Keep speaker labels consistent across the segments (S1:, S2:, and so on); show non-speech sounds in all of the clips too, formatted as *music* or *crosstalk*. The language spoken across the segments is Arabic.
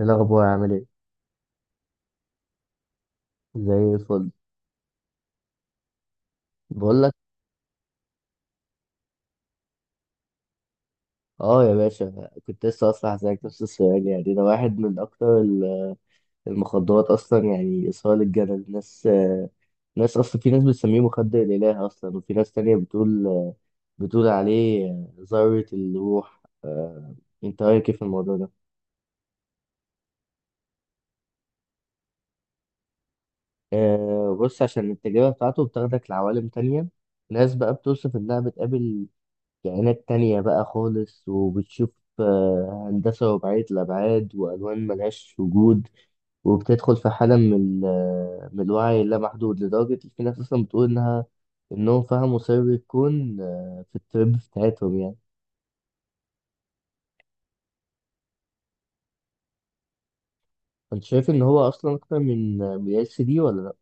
S1: ايه الاخبار عامل ايه؟ زي الفل. بقول لك اه يا باشا، كنت لسه اصلا هسألك نفس السؤال، يعني ده واحد من اكتر المخدرات، اصلا يعني اثاره للجدل الناس. ناس اصلا، في ناس بتسميه مخدر الاله اصلا، وفي ناس تانية بتقول عليه ذرة الروح. انت رايك إيه في الموضوع ده؟ بص، عشان التجربة بتاعته بتاخدك لعوالم تانية، ناس بقى بتوصف انها بتقابل كائنات تانية بقى خالص، وبتشوف هندسة رباعية الأبعاد، وألوان ملهاش وجود. وبتدخل في حالة من من الوعي اللامحدود، لدرجة إن في ناس أصلا بتقول إنهم فهموا سر الكون في الترب بتاعتهم يعني. أنت شايف إن هو أصلا أكتر من من ال دي ولا لأ؟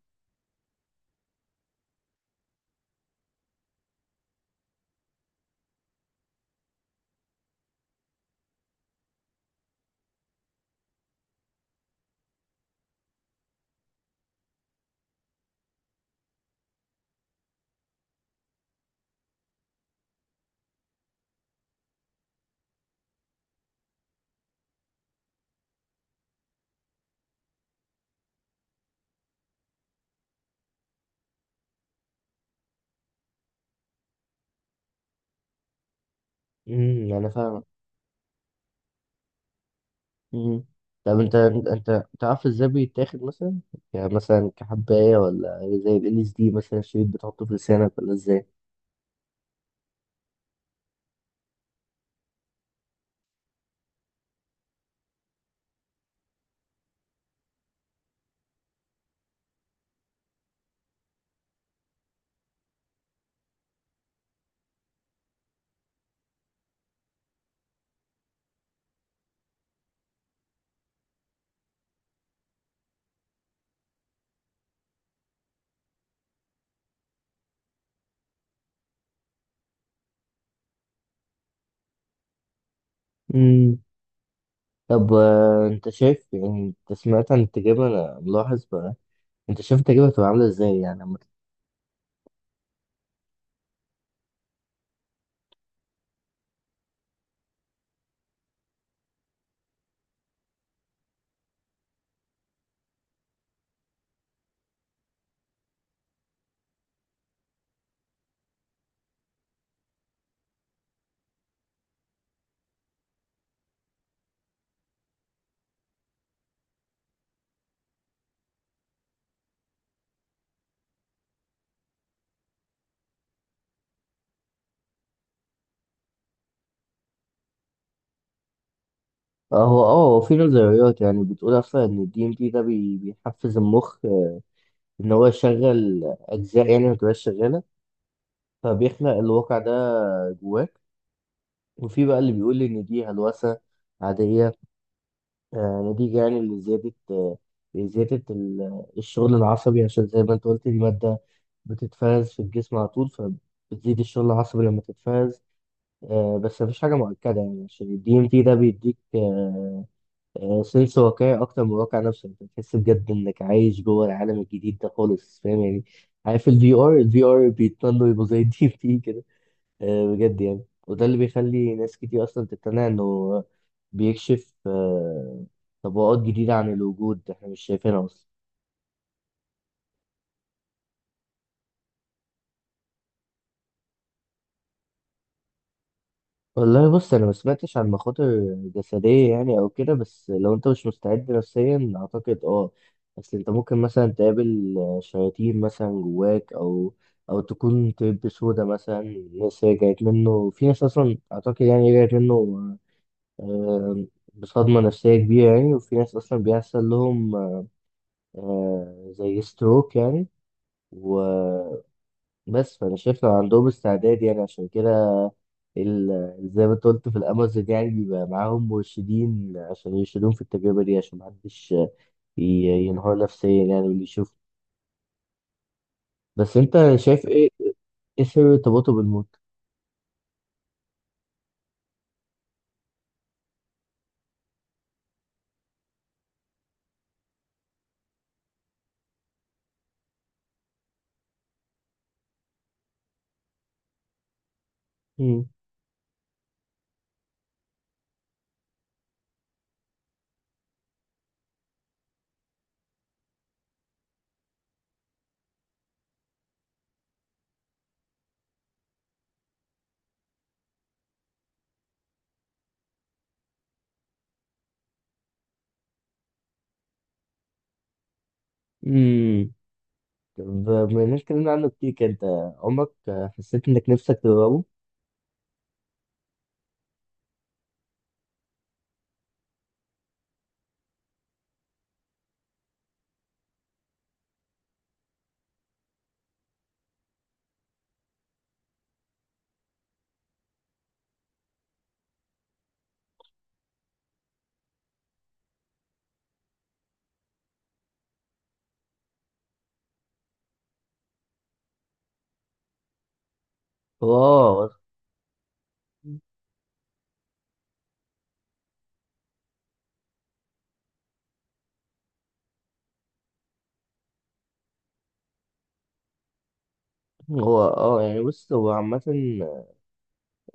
S1: أنا فاهمك. امم طب أنت تعرف إزاي بيتاخد مثلا؟ يعني مثلا كحباية، ولا زي ال إل إس دي مثلا الشريط بتحطه في لسانك، ولا إزاي؟ طب، انت شايف يعني، انت سمعت عن التجربة، انا ملاحظ بقى، انت شايف التجربة هتبقى عاملة ازاي يعني هو في نظريات يعني بتقول اصلا ان الدي ام تي ده بيحفز المخ، ان هو يشغل اجزاء يعني ما تبقاش شغالة، فبيخلق الواقع ده جواك. وفي بقى اللي بيقول ان دي هلوسة عادية، نتيجة يعني لزيادة، زيادة الشغل العصبي، عشان زي ما انت قلت دي مادة بتتفرز في الجسم على طول، فبتزيد الشغل العصبي لما تتفرز. بس مفيش حاجة مؤكدة يعني، عشان ال DMT ده بيديك سنس واقعي أكتر من الواقع نفسه، أنت بتحس بجد إنك عايش جوه العالم الجديد ده خالص، فاهم يعني؟ عارف ال VR؟ ال VR بيتمنوا يبقوا زي *laughs* ال DMT كده. بجد يعني، وده اللي بيخلي ناس كتير أصلا تقتنع إنه بيكشف طبقات جديدة عن الوجود إحنا مش شايفينها أصلا. والله بص، انا ما سمعتش عن مخاطر جسديه يعني او كده، بس لو انت مش مستعد نفسيا اعتقد اه. بس انت ممكن مثلا تقابل شياطين مثلا جواك، او او تكون طيب سودا مثلا، ناس رجعت منه، في ناس اصلا اعتقد يعني رجعت منه آه، بصدمه نفسيه كبيره يعني. وفي ناس اصلا بيحصل لهم زي ستروك يعني. بس فانا شايف لو عندهم استعداد يعني، عشان كده زي ما انت قلت في الامازون، يعني بيبقى معاهم مرشدين عشان يرشدوهم في التجربه دي عشان محدش ينهار نفسيا يعني، واللي يشوف. بس انت شايف ايه؟ ايه سر ارتباطه بالموت؟ مم. امم طب، بما اننا اتكلمنا عنه كتير كده، انت عمرك حسيت انك نفسك تجربه؟ هو اه هو اه يعني بص، هو عامة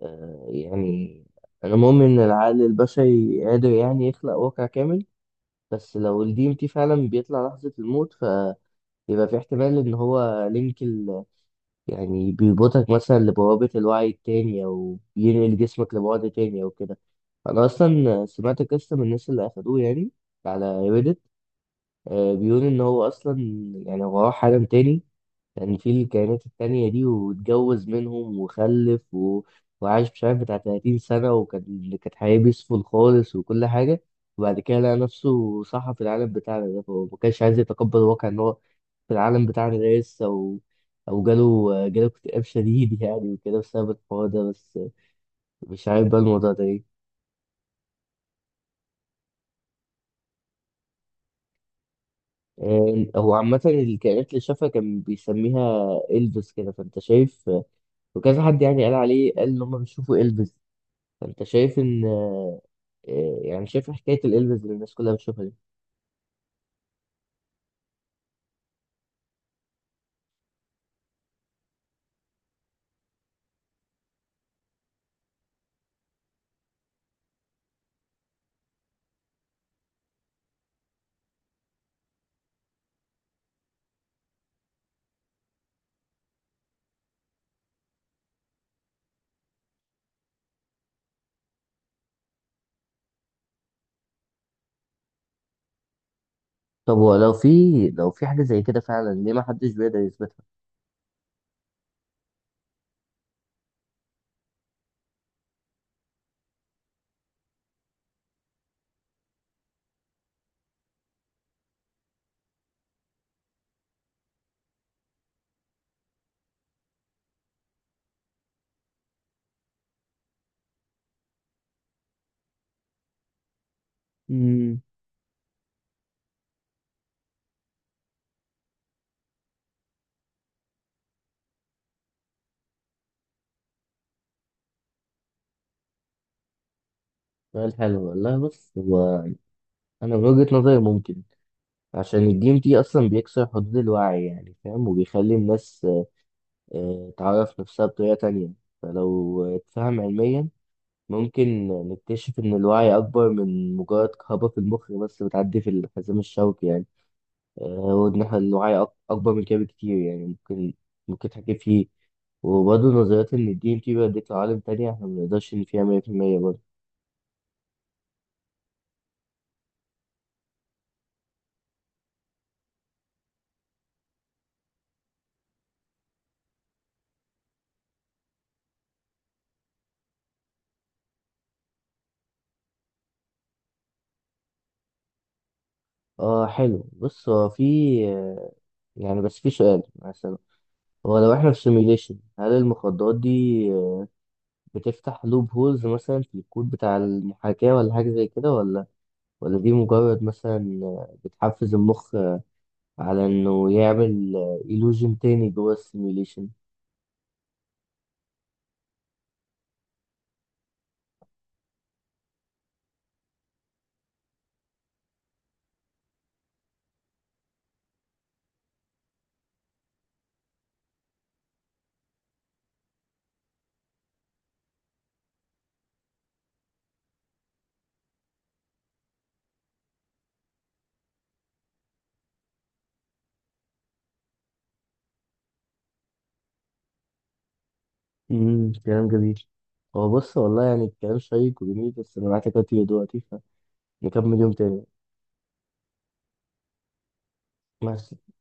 S1: يعني أنا مؤمن إن العقل البشري قادر يعني يخلق واقع كامل. بس لو الدي ام تي فعلا بيطلع لحظة الموت، فيبقى في احتمال ان هو لينك ال... يعني بيربطك مثلا لبوابة الوعي التاني، او ينقل جسمك لبعد تاني او كده. انا اصلا سمعت قصة من الناس اللي اخدوه يعني على ريدت، بيقول ان هو اصلا يعني هو راح عالم تاني، كان في الكائنات التانية دي واتجوز منهم وخلف و... وعاش مش عارف بتاع 30 سنة، وكان كانت حياة بيسفل خالص وكل حاجة. وبعد كده لقى نفسه صحى في العالم بتاعنا ده، فهو ما كانش عايز يتقبل الواقع إن هو في العالم بتاعنا ده لسه، أو أو جاله اكتئاب شديد يعني، وكده بسبب الحوار ده بس، مش عارف بقى الموضوع ده إيه. هو عامة الكائنات اللي شافها كان بيسميها إلفيس كده، فأنت شايف؟ وكذا حد يعني قال عليه، قال إن هما بيشوفوا إلفيس، فأنت شايف إن إيه، يعني شايف حكاية الإلبس اللي الناس كلها بتشوفها دي؟ طب هو لو في حاجة زي كده فعلا ليه ما حدش بيقدر يثبتها؟ امم سؤال حلو والله، بص هو أنا من وجهة نظري ممكن، عشان الدي ام تي أصلا بيكسر حدود الوعي يعني فاهم، وبيخلي الناس تعرف نفسها بطريقة تانية. فلو اتفهم علميا، ممكن نكتشف إن الوعي أكبر من مجرد كهرباء في المخ بس بتعدي في الحزام الشوكي يعني. آه، وإن إحنا الوعي أكبر من كده بكتير يعني، ممكن تحكي فيه، وبرضه نظريات إن الدي إم تي بيوديك لعوالم تانية إحنا منقدرش إن فيها 100% برضه. آه حلو، بص هو في آه، يعني بس في سؤال مثلا، هو لو إحنا في سيميليشن، هل المخدرات دي بتفتح لوب هولز مثلا في الكود بتاع المحاكاة، ولا حاجة زي كده، ولا دي مجرد مثلا بتحفز المخ على إنه يعمل إيلوجن تاني جوه السيميليشن؟ كلام جميل. هو بص والله، يعني الكلام شيق وجميل، بس انا معاك دلوقتي، فنكمل يوم تاني. مع السلامة.